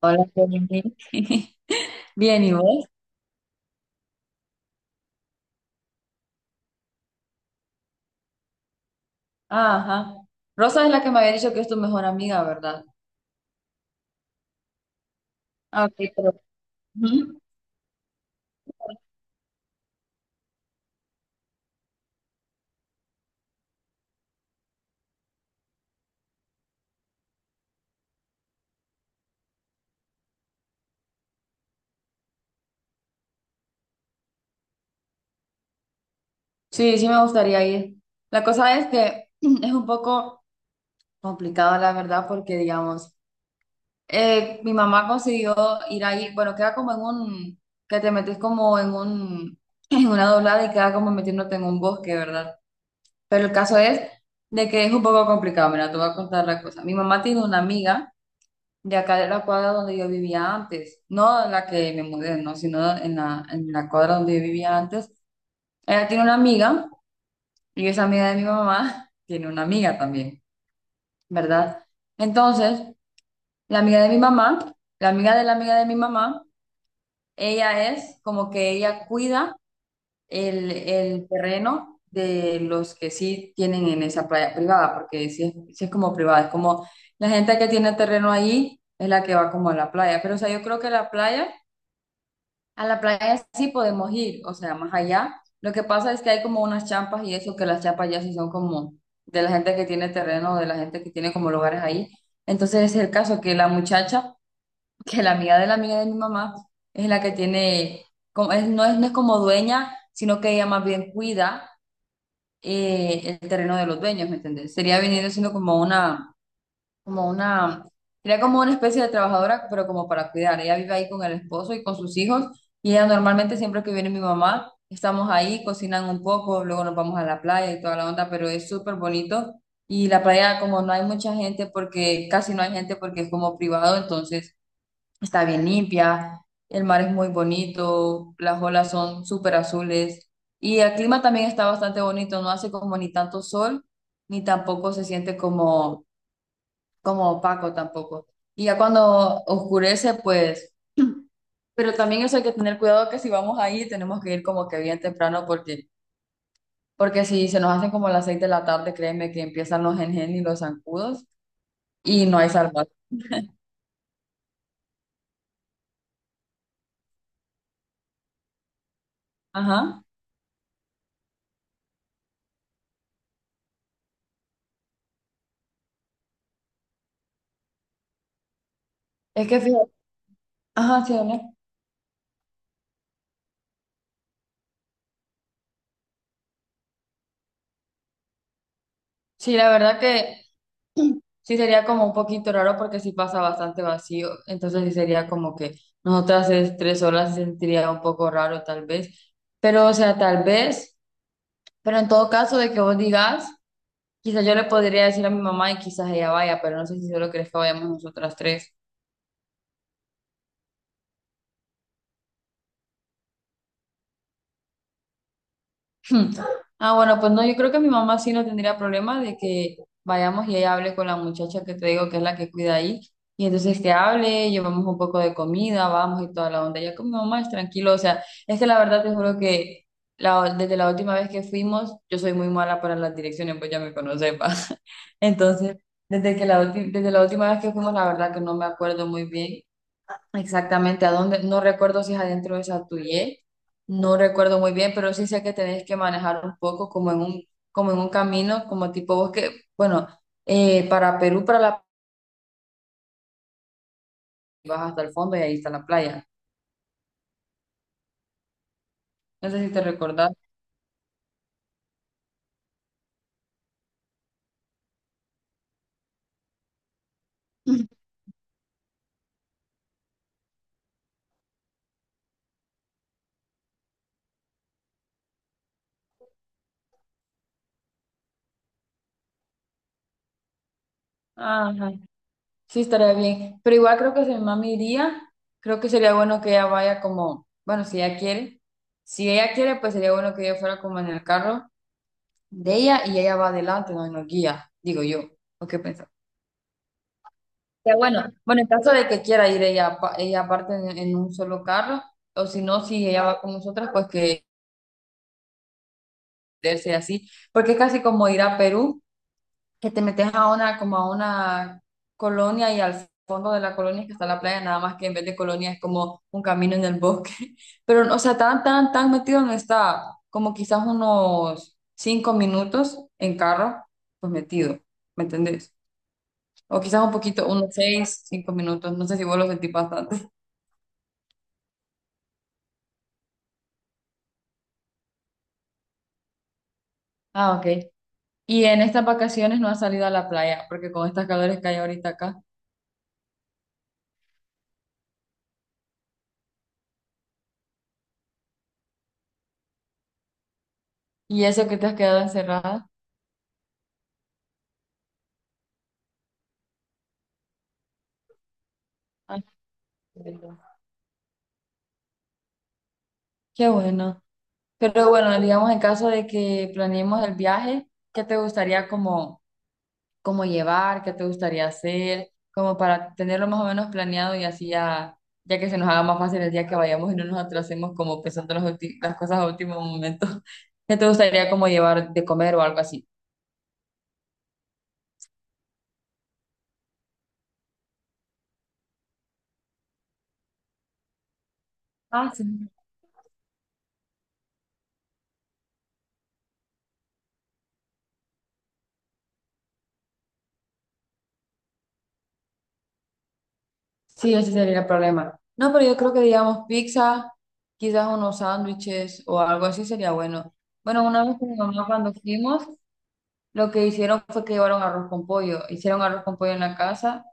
Hola, Jenny. Bien, ¿y vos? Ajá. Rosa es la que me había dicho que es tu mejor amiga, ¿verdad? Ah, ok, pero... Ujú. Sí, sí me gustaría ir. La cosa es que es un poco complicado, la verdad, porque, digamos, mi mamá consiguió ir ahí, bueno, queda como en un, que te metes como en un, en una doblada y queda como metiéndote en un bosque, ¿verdad? Pero el caso es de que es un poco complicado, mira, te voy a contar la cosa. Mi mamá tiene una amiga. De acá de la cuadra donde yo vivía antes, no en la que me mudé, no, sino en la cuadra donde yo vivía antes. Ella tiene una amiga y esa amiga de mi mamá tiene una amiga también, ¿verdad? Entonces, la amiga de mi mamá, la amiga de mi mamá, ella es como que ella cuida el terreno de los que sí tienen en esa playa privada, porque sí es como privada, es como la gente que tiene terreno ahí es la que va como a la playa, pero o sea, yo creo que la playa. A la playa sí podemos ir, o sea, más allá. Lo que pasa es que hay como unas champas y eso, que las champas ya sí son como de la gente que tiene terreno, de la gente que tiene como lugares ahí. Entonces es el caso que la muchacha, que la amiga de mi mamá, es la que tiene, como, no es como dueña, sino que ella más bien cuida el terreno de los dueños, ¿me entiendes? Sería viniendo siendo como una como una, era como una especie de trabajadora, pero como para cuidar. Ella vive ahí con el esposo y con sus hijos, y ella normalmente siempre que viene mi mamá, estamos ahí, cocinan un poco, luego nos vamos a la playa y toda la onda, pero es súper bonito. Y la playa, como no hay mucha gente, porque casi no hay gente, porque es como privado, entonces está bien limpia, el mar es muy bonito, las olas son súper azules. Y el clima también está bastante bonito, no hace como ni tanto sol, ni tampoco se siente como opaco tampoco. Y ya cuando oscurece, pues, pero también eso hay que tener cuidado que si vamos ahí tenemos que ir como que bien temprano porque si se nos hacen como las 6 de la tarde, créeme que empiezan los gen y los zancudos y no hay salvación. Ajá. Es que fíjate, ajá, sí, ¿no? Sí, la verdad que sí sería como un poquito raro porque sí pasa bastante vacío, entonces sí sería como que nosotras es 3 horas se sentiría un poco raro tal vez, pero o sea, tal vez, pero en todo caso de que vos digas. Quizás yo le podría decir a mi mamá y quizás ella vaya, pero no sé si solo crees que vayamos nosotras tres. Hmm. Ah, bueno, pues no, yo creo que mi mamá sí no tendría problema de que vayamos y ella hable con la muchacha que te digo que es la que cuida ahí. Y entonces que hable, llevamos un poco de comida, vamos y toda la onda. Ya con mi mamá es tranquilo, o sea, es que la verdad te juro que desde la última vez que fuimos, yo soy muy mala para las direcciones, pues ya me conoces, pa. Entonces, desde la última vez que fuimos, la verdad que no me acuerdo muy bien. Exactamente, a dónde, no recuerdo si es adentro de Satuye, no recuerdo muy bien, pero sí sé que tenés que manejar un poco como en un camino, como tipo bosque, bueno, para Perú, para la vas hasta el fondo y ahí está la playa. No sé si te recordás. Ujú. Ajá, sí estaría bien, pero igual creo que si mi mami iría, creo que sería bueno que ella vaya como, bueno, si ella quiere, pues sería bueno que ella fuera como en el carro de ella y ella va adelante, no nos guía, digo yo. ¿O qué pensás? Ya bueno, bueno, en caso de que quiera ir ella, ella aparte en, un solo carro, o si no, si ella va con nosotras, pues que sea así, porque es casi como ir a Perú, que te metes a una, como a una colonia y al fondo de la colonia es que está la playa, nada más que en vez de colonia es como un camino en el bosque, pero o sea, tan, tan, tan metido no está, como quizás unos 5 minutos en carro, pues metido, ¿me entendés? O quizás un poquito, unos seis, 5 minutos, no sé si vos lo sentís bastante. Ah, ok. Y en estas vacaciones no has salido a la playa, porque con estas calores que hay ahorita acá. Y eso que te has quedado encerrada. Ah, qué lindo. Qué bueno. Pero bueno, digamos en caso de que planeemos el viaje, ¿qué te gustaría como llevar? ¿Qué te gustaría hacer? Como para tenerlo más o menos planeado y así ya, ya que se nos haga más fácil el día que vayamos y no nos atrasemos como pensando las cosas a último momento. ¿Qué te gustaría como llevar de comer o algo así? Ah, sí. Sí, ese sería el problema. No, pero yo creo que digamos pizza, quizás unos sándwiches o algo así sería bueno. Bueno, una vez con mi mamá cuando fuimos, lo que hicieron fue que llevaron arroz con pollo. Hicieron arroz con pollo en la casa.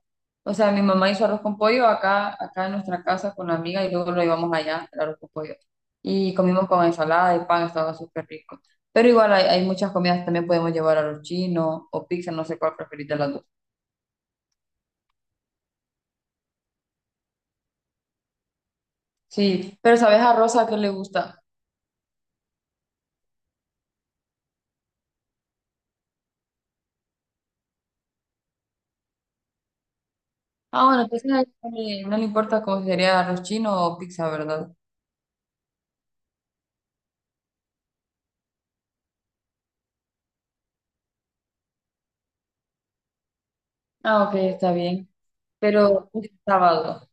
O sea, mi mamá hizo arroz con pollo acá en nuestra casa con la amiga y luego lo llevamos allá, el arroz con pollo. Y comimos con ensalada y pan, estaba súper rico. Pero igual hay muchas comidas, también podemos llevar arroz chino o pizza, no sé cuál preferís de las dos. Sí, pero ¿sabes a Rosa qué le gusta? Ah, bueno, entonces a él no le importa cómo sería arroz chino o pizza, ¿verdad? Ah, ok, está bien. Pero este sábado,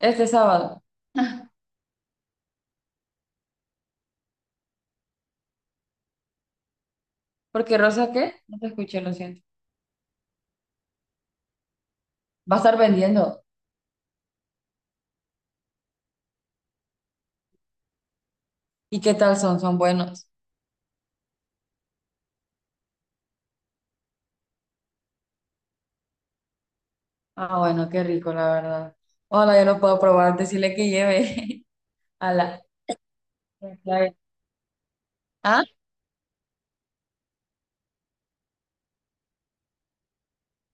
este sábado. Porque Rosa, ¿qué? No te escuché, lo siento. Va a estar vendiendo. ¿Y qué tal son? Son buenos. Ah, bueno, qué rico, la verdad. Hola, yo lo puedo probar. Decirle que lleve. Ala. ¿Ah?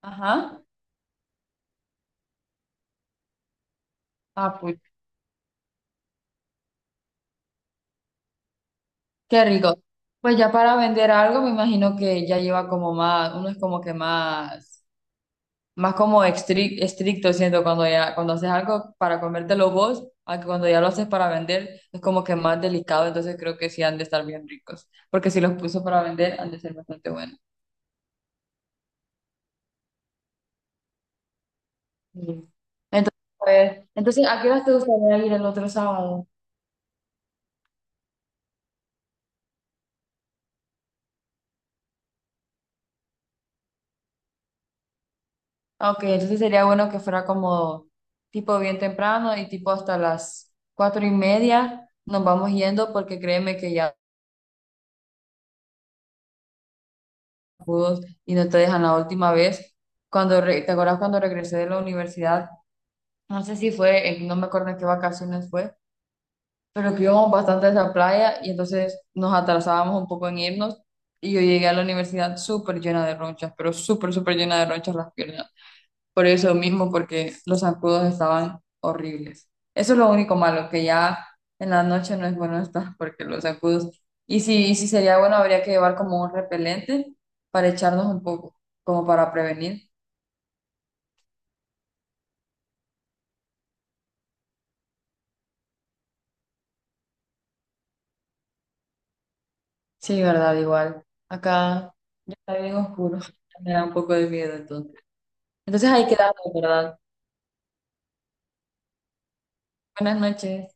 Ajá. Ah, pues, qué rico. Pues ya para vender algo, me imagino que ya lleva como más, uno es como que más, más como estricto siento cuando ya, cuando haces algo para comértelo vos, a que cuando ya lo haces para vender, es como que más delicado, entonces creo que sí han de estar bien ricos, porque si los puso para vender, han de ser bastante buenos. Mm. Entonces, a ver, entonces, ¿a qué horas te gustaría ir el otro sábado? Ah, ok, entonces sería bueno que fuera como tipo bien temprano y tipo hasta las 4:30 nos vamos yendo porque créeme que ya pudos y no te dejan la última vez. ¿Te acuerdas cuando regresé de la universidad? No sé si fue, no me acuerdo en qué vacaciones fue, pero que íbamos bastante a esa playa y entonces nos atrasábamos un poco en irnos y yo llegué a la universidad súper llena de ronchas, pero súper, súper llena de ronchas las piernas. Por eso mismo, porque los zancudos estaban horribles. Eso es lo único malo, que ya en la noche no es bueno estar porque los zancudos... Y si sería bueno, habría que llevar como un repelente para echarnos un poco, como para prevenir. Sí, verdad, igual. Acá ya está bien oscuro. Me da un poco de miedo entonces. Entonces ahí quedamos, ¿verdad? Buenas noches.